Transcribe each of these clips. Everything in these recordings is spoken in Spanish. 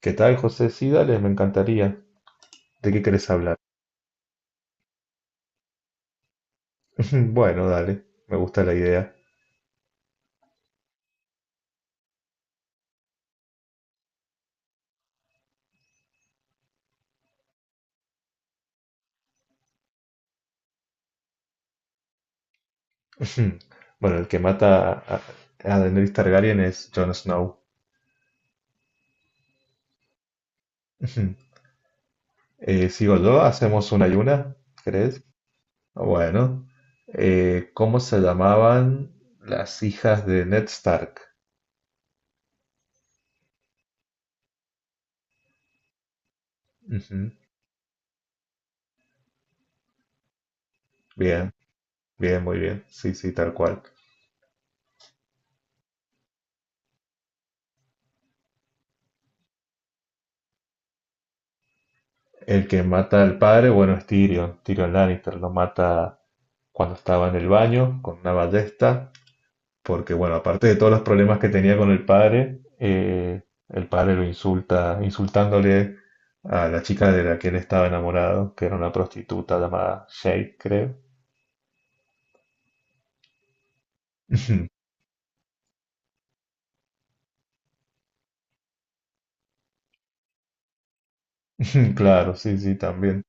¿Qué tal, José? Sí, dale, me encantaría. ¿De qué querés hablar? Bueno, dale, me gusta la idea. Bueno, el que mata a Daenerys Targaryen es Jon Snow. ¿Sigo yo? ¿Hacemos una y una? ¿Crees? Bueno. ¿Cómo se llamaban las hijas de Ned Stark? Ujú. Bien, bien, muy bien. Sí, sí, tal cual. El que mata al padre, bueno, es Tyrion. Tyrion Lannister lo mata cuando estaba en el baño con una ballesta. Porque, bueno, aparte de todos los problemas que tenía con el padre lo insulta, insultándole a la chica de la que él estaba enamorado, que era una prostituta llamada Shay, creo. Claro, sí, sí, también.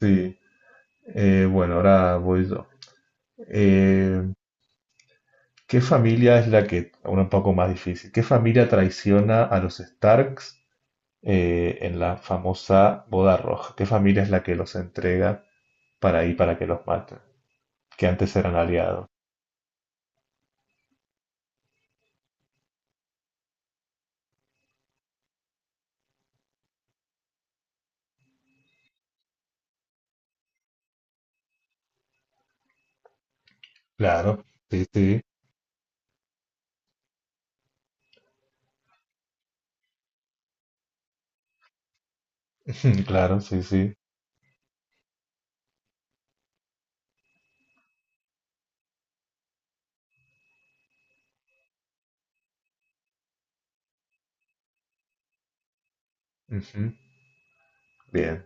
Sí. Bueno, ahora voy yo. Eh, ¿Qué familia es la que, ahora un poco más difícil, qué familia traiciona a los Starks en la famosa boda roja? ¿Qué familia es la que los entrega para ahí para que los maten? Que antes eran aliados. Claro, sí, sí, claro, sí, sí. Ujú. Bien,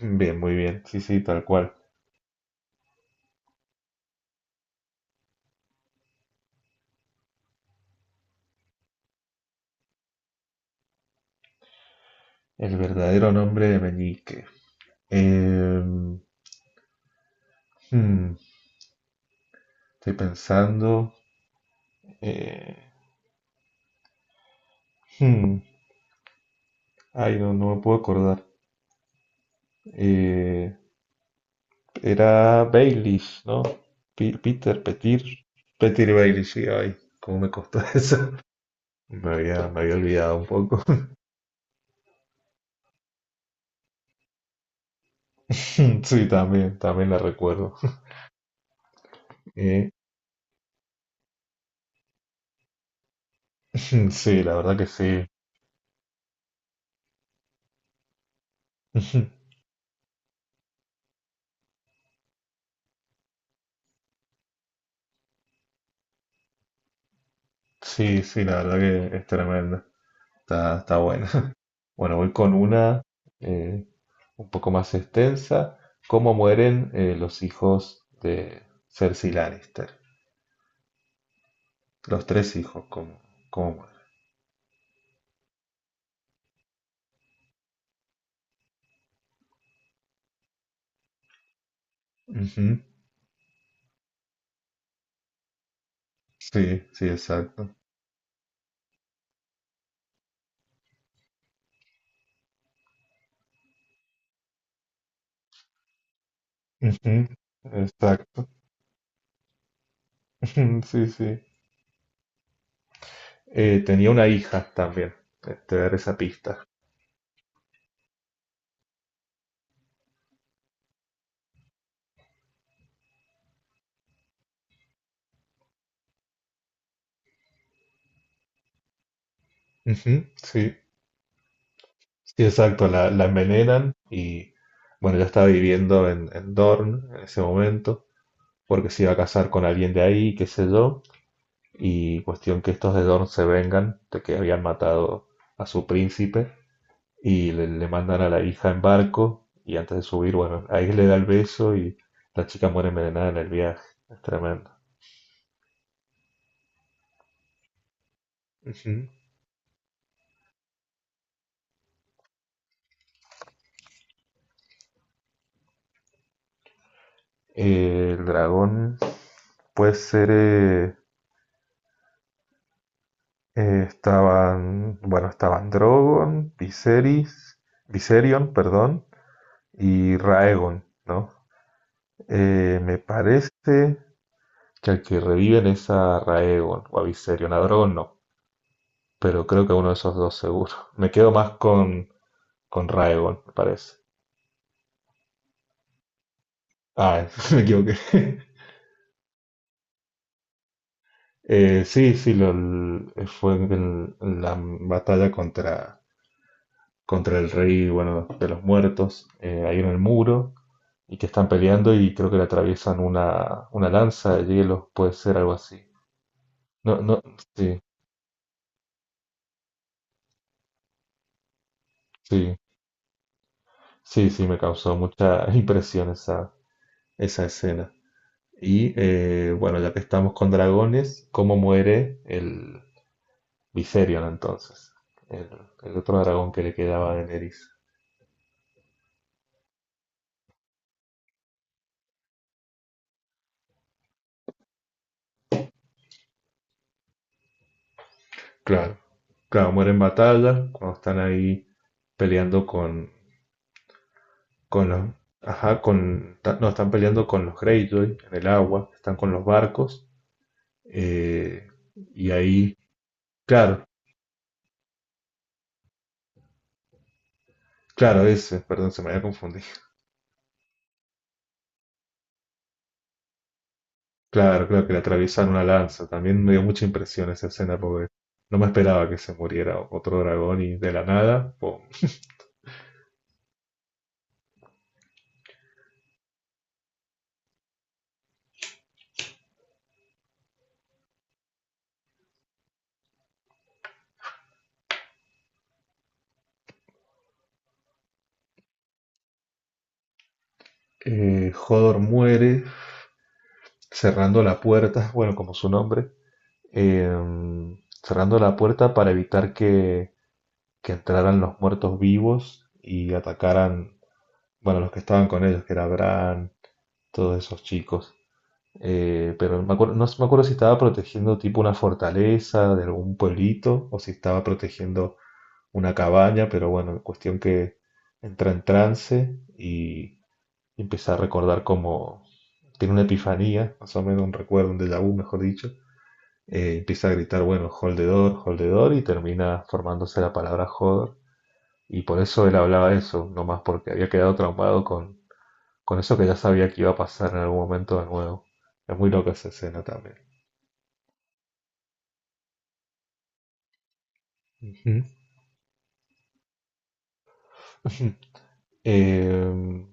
bien, muy bien, sí, sí, tal cual. El verdadero nombre de Meñique. Em, hmm, Estoy pensando. eh, hmm, Ay, no, no me puedo acordar. Eh, Era Baelish, ¿no? Peter, Petir. Petir Baelish, sí, ay, cómo me costó eso. Me había olvidado un poco. Sí, también, también la recuerdo. Eh, sí, la verdad que sí. Sí, sí, la verdad que es tremenda. Está buena. Bueno, voy con una eh, un poco más extensa. ¿Cómo mueren los hijos de Cersei Lannister? Los tres hijos, ¿cómo mueren? Ujú. Sí, sí, exacto. Ujú. Exacto. Sí, sí. Tenía una hija también. Te daré esa pista. Ujú. Sí, sí, exacto. La envenenan y, bueno, ya estaba viviendo en Dorne en ese momento, porque se iba a casar con alguien de ahí, qué sé yo, y cuestión que estos de Dorne se vengan de que habían matado a su príncipe y le mandan a la hija en barco y antes de subir, bueno, ahí le da el beso y la chica muere envenenada en el viaje, es tremendo. Ujú. El dragón puede ser. Estaban. Bueno, estaban Drogon, Viserys, Viserion, perdón, y Raegon, ¿no? Me parece que al que reviven es a Raegon o a Viserion. A Drogon no. Pero creo que a uno de esos dos seguro. Me quedo más con Raegon, me parece. Ah, me equivoqué. Sí, sí, fue en la batalla contra el rey, bueno, de los muertos, ahí en el muro, y que están peleando y creo que le atraviesan una lanza de hielo, puede ser algo así. No, no, sí, sí, sí, sí, me causó mucha impresión esa, esa escena. Y bueno, ya que estamos con dragones, ¿cómo muere el Viserion entonces? El, el otro dragón que le quedaba a Daenerys. Claro, claro, muere en batalla, cuando están ahí peleando con los... Ajá, no, están peleando con los Greyjoy en el agua, están con los barcos. eh, y ahí, claro, claro, ese, perdón, se me había confundido. Claro, claro, que le atraviesan una lanza. También me dio mucha impresión esa escena porque no me esperaba que se muriera otro dragón y de la nada, ¡pum! Hodor muere cerrando la puerta, bueno, como su nombre, eh, cerrando la puerta para evitar que entraran los muertos vivos y atacaran, bueno, los que estaban con ellos, que era Bran, todos esos chicos. Pero no me acuerdo si estaba protegiendo tipo una fortaleza de algún pueblito o si estaba protegiendo una cabaña, pero bueno, cuestión que entra en trance y empieza a recordar cómo tiene una epifanía, más o menos un recuerdo, un déjà vu, mejor dicho. Empieza a gritar, bueno, hold the door, y termina formándose la palabra joder. Y por eso él hablaba eso, nomás porque había quedado traumado con eso que ya sabía que iba a pasar en algún momento de nuevo. Es muy loca esa escena también. Ujú. Eh,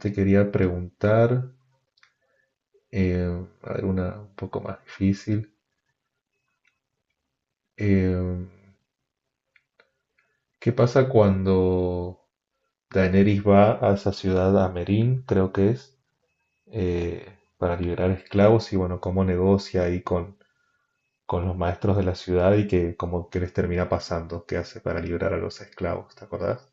Te quería preguntar alguna un poco más difícil. Eh, ¿Qué pasa cuando Daenerys va a esa ciudad, a Meereen, creo que es, para liberar esclavos y bueno, cómo negocia ahí con los maestros de la ciudad y que como que les termina pasando, qué hace para liberar a los esclavos, ¿te acordás?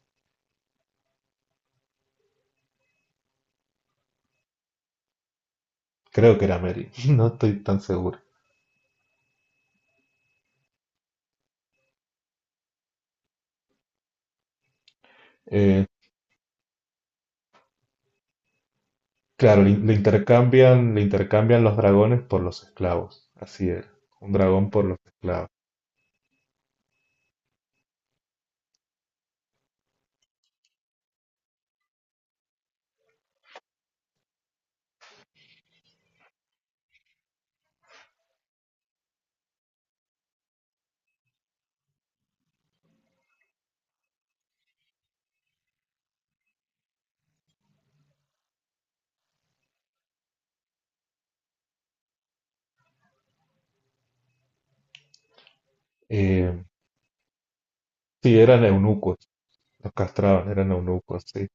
Creo que era Meereen, no estoy tan seguro. Eh, claro, le intercambian los dragones por los esclavos, así era, un dragón por los esclavos. Eh, sí, eran eunucos, los castraban, eran eunucos, sí,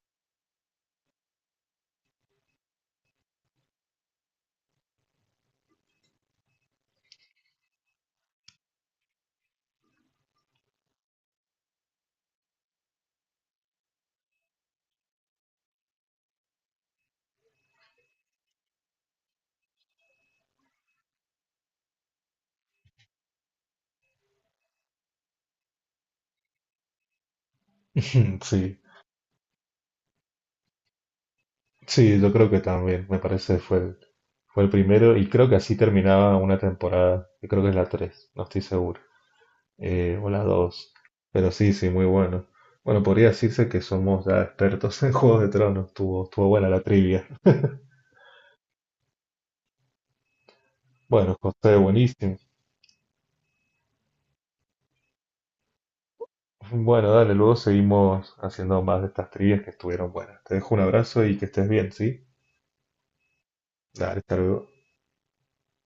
sí. Sí, yo creo que también, me parece fue el primero y creo que así terminaba una temporada, que creo que es la 3, no estoy seguro, o la dos, pero sí, sí, muy bueno. Bueno, podría decirse que somos ya expertos en Juegos de Tronos, estuvo, estuvo buena la trivia. Bueno, José, buenísimo. Bueno, dale, luego seguimos haciendo más de estas trivias que estuvieron buenas. Te dejo un abrazo y que estés bien, ¿sí? Dale, hasta luego.